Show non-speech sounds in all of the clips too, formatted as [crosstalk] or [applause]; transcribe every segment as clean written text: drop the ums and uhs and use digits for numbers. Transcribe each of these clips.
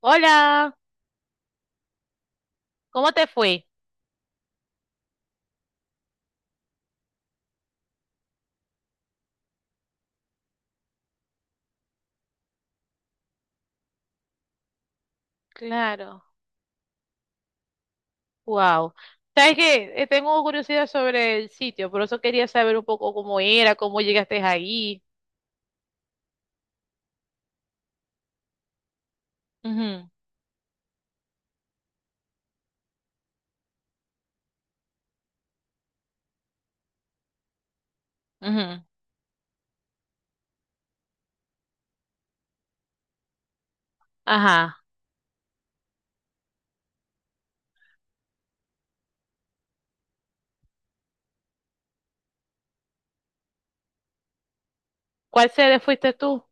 Hola, ¿cómo te fue? Claro. Wow. Sabes que tengo curiosidad sobre el sitio, por eso quería saber un poco cómo era, cómo llegaste ahí. Ujú. Ujú. Ajá. ¿Cuál sede fuiste tú?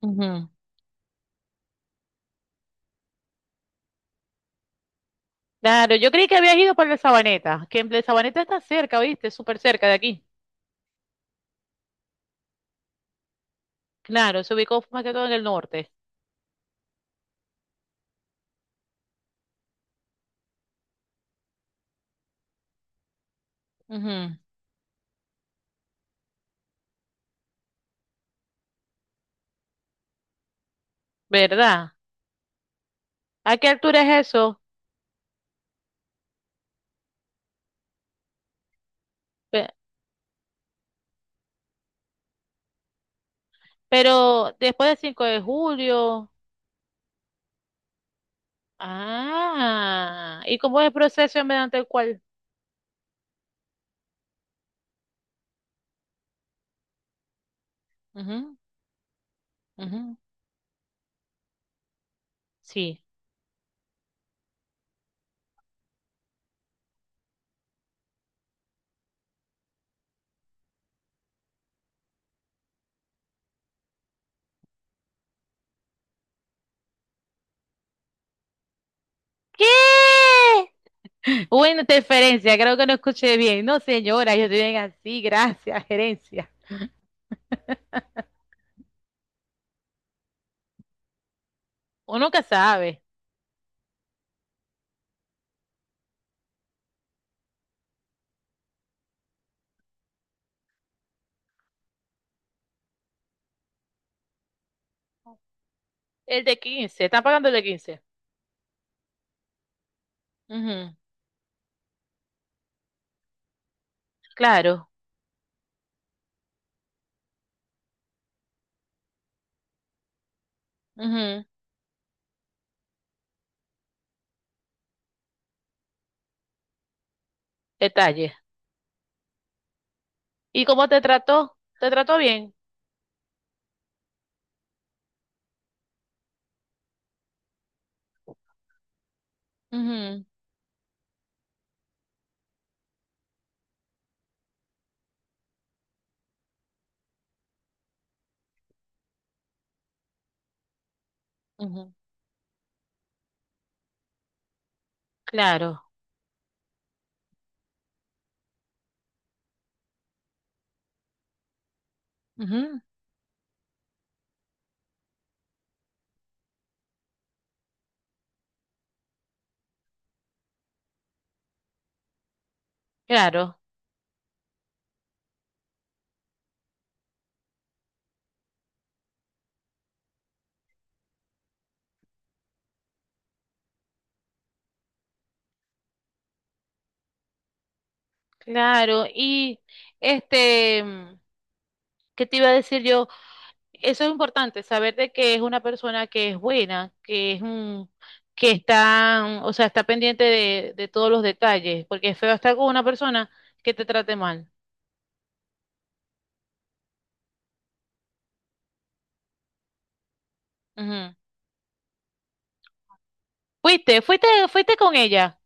Ujú. Ujú. Claro, yo creí que habías ido por la Sabaneta, que en la Sabaneta está cerca, ¿viste? Súper cerca de aquí. Claro, se ubicó más que todo en el norte. Ujú. ¿Verdad? ¿A qué altura es eso? Pe- Pero después del 5 de Julio. Ah, ¿y cómo es el proceso mediante el cual? Ujú. Ujú. Sí. ¿Qué? [laughs] Buena interferencia, creo que no escuché bien. No, señora, yo estoy bien así, gracias, gerencia. [laughs] Uno nunca sabe. El de 15. ¿Están pagando el de 15? Ujú. Claro. Ujú. Detalle. ¿Y cómo te trató? ¿Te trató bien? Ujú. Ujú. Claro. Ujú. Claro. Claro, este, mm, ¿qué te iba a decir yo? Eso es importante, saber de que es una persona que es buena, que está, o sea, está pendiente de todos los detalles, porque es feo estar con una persona que te trate mal. Ujú. Fuiste con ella,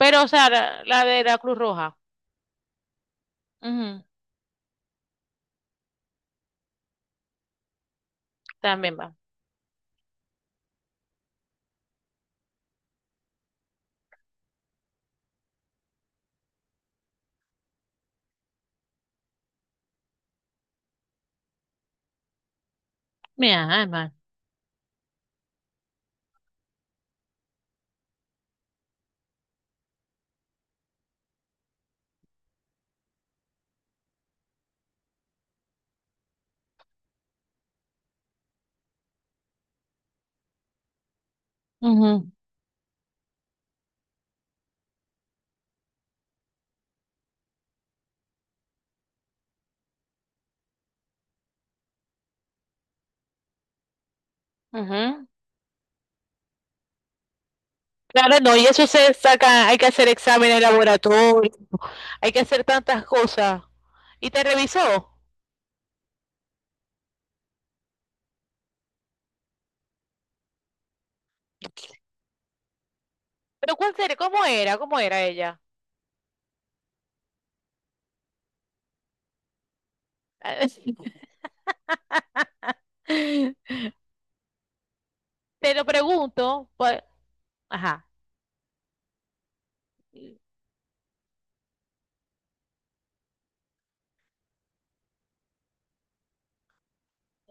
pero, o sea, la de la Cruz Roja. Ujú. También va. Mira, además. Ujú. Ujú. Claro, no, y eso se saca, hay que hacer exámenes laboratorios, hay que hacer tantas cosas. Y te revisó. Pero ¿cuál era? ¿Cómo era? ¿Cómo era ella? [laughs] Te lo pregunto, por- ajá,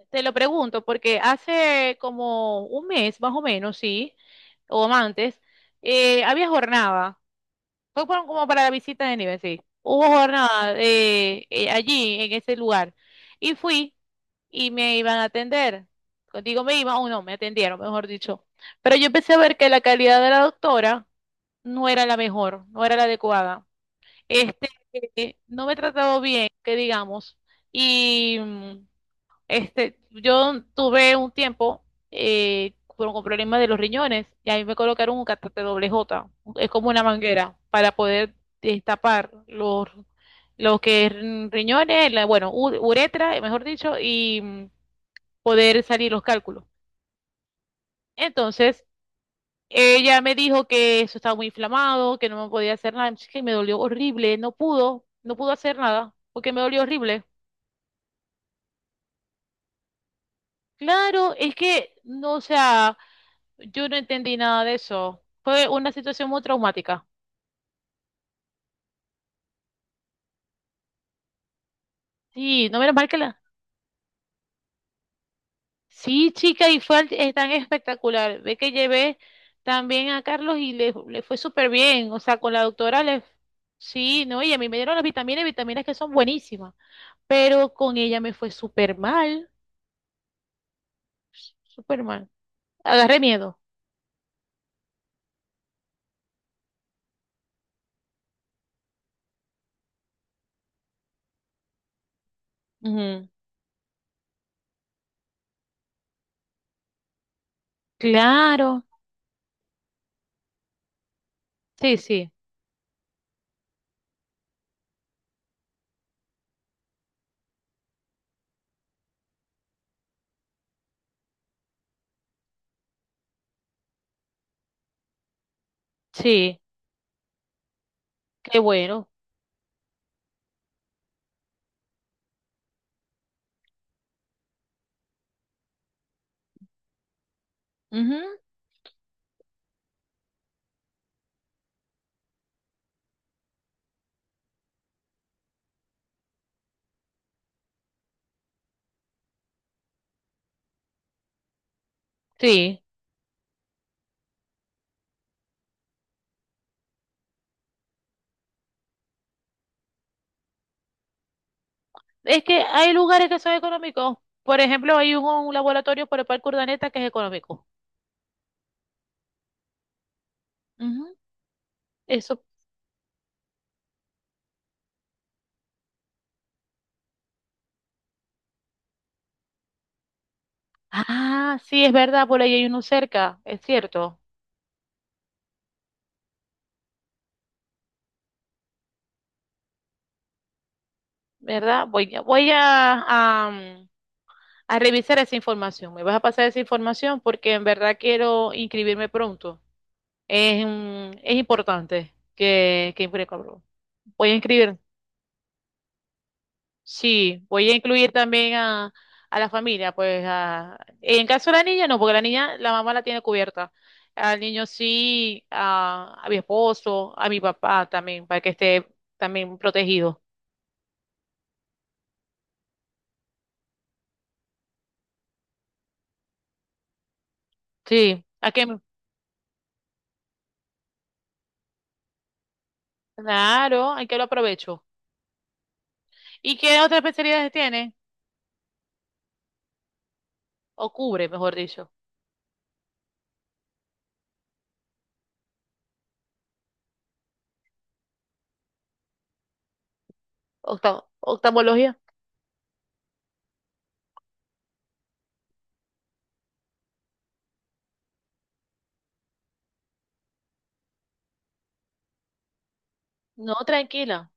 te lo pregunto porque hace como un mes más o menos, sí, o más antes, había jornada. Como para la visita de nivel, sí. Hubo jornada allí, en ese lugar. Y fui, y me iban a atender. Contigo me iban, o no, me atendieron, mejor dicho. Pero yo empecé a ver que la calidad de la doctora no era la mejor, no era la adecuada. Este, no me trataba bien, que digamos. Y mm, yo tuve un tiempo con problemas de los riñones y ahí me colocaron un catéter doble J. Es como una manguera para poder destapar lo que es riñones, bueno, uretra, mejor dicho, y poder salir los cálculos. Entonces, ella me dijo que eso estaba muy inflamado, que no me podía hacer nada, es que me dolió horrible, no pudo, no pudo hacer nada, porque me dolió horrible. Claro, es que, no, o sea, yo no entendí nada de eso. Fue una situación muy traumática. Sí, no menos mal que la... Sí, chica, tan espectacular. Ve que llevé también a Carlos y le fue súper bien. O sea, con la doctora le... Sí, no, y a mí me dieron las vitaminas, vitaminas que son buenísimas. Pero con ella me fue súper mal, súper mal. Agarré miedo. Ujú. Claro, sí, sí, sí, qué bueno. Ujú. Sí, es que hay lugares que son económicos. Por ejemplo, hay un laboratorio por el Parque Urdaneta que es económico. Ujú. Eso. Ah, sí, es verdad, por ahí hay uno cerca, es cierto, ¿verdad? Voy, a- voy a, mm, a revisar esa información. Me vas a pasar esa información porque en verdad quiero inscribirme pronto. Es importante que voy a inscribir, sí, voy a incluir también a la familia, pues a, en caso de la niña no, porque la niña, la mamá la tiene cubierta. Al niño sí, a mi esposo, a mi papá también, para que esté también protegido. Sí, ¿a qué? Claro, hay que lo aprovecho. ¿Y qué otras especialidades tiene? O cubre, mejor dicho. Oftalmología. No, tranquila.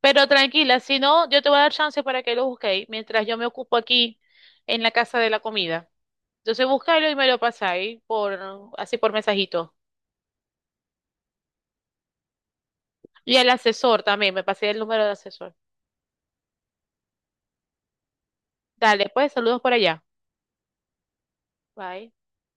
Pero tranquila, si no, yo te voy a dar chance para que lo busquéis mientras yo me ocupo aquí en la casa de la comida. Entonces buscáis y me lo pasáis por, así por mensajito. Y al asesor también, me pasé el número del asesor. Dale, pues saludos por allá. Bye.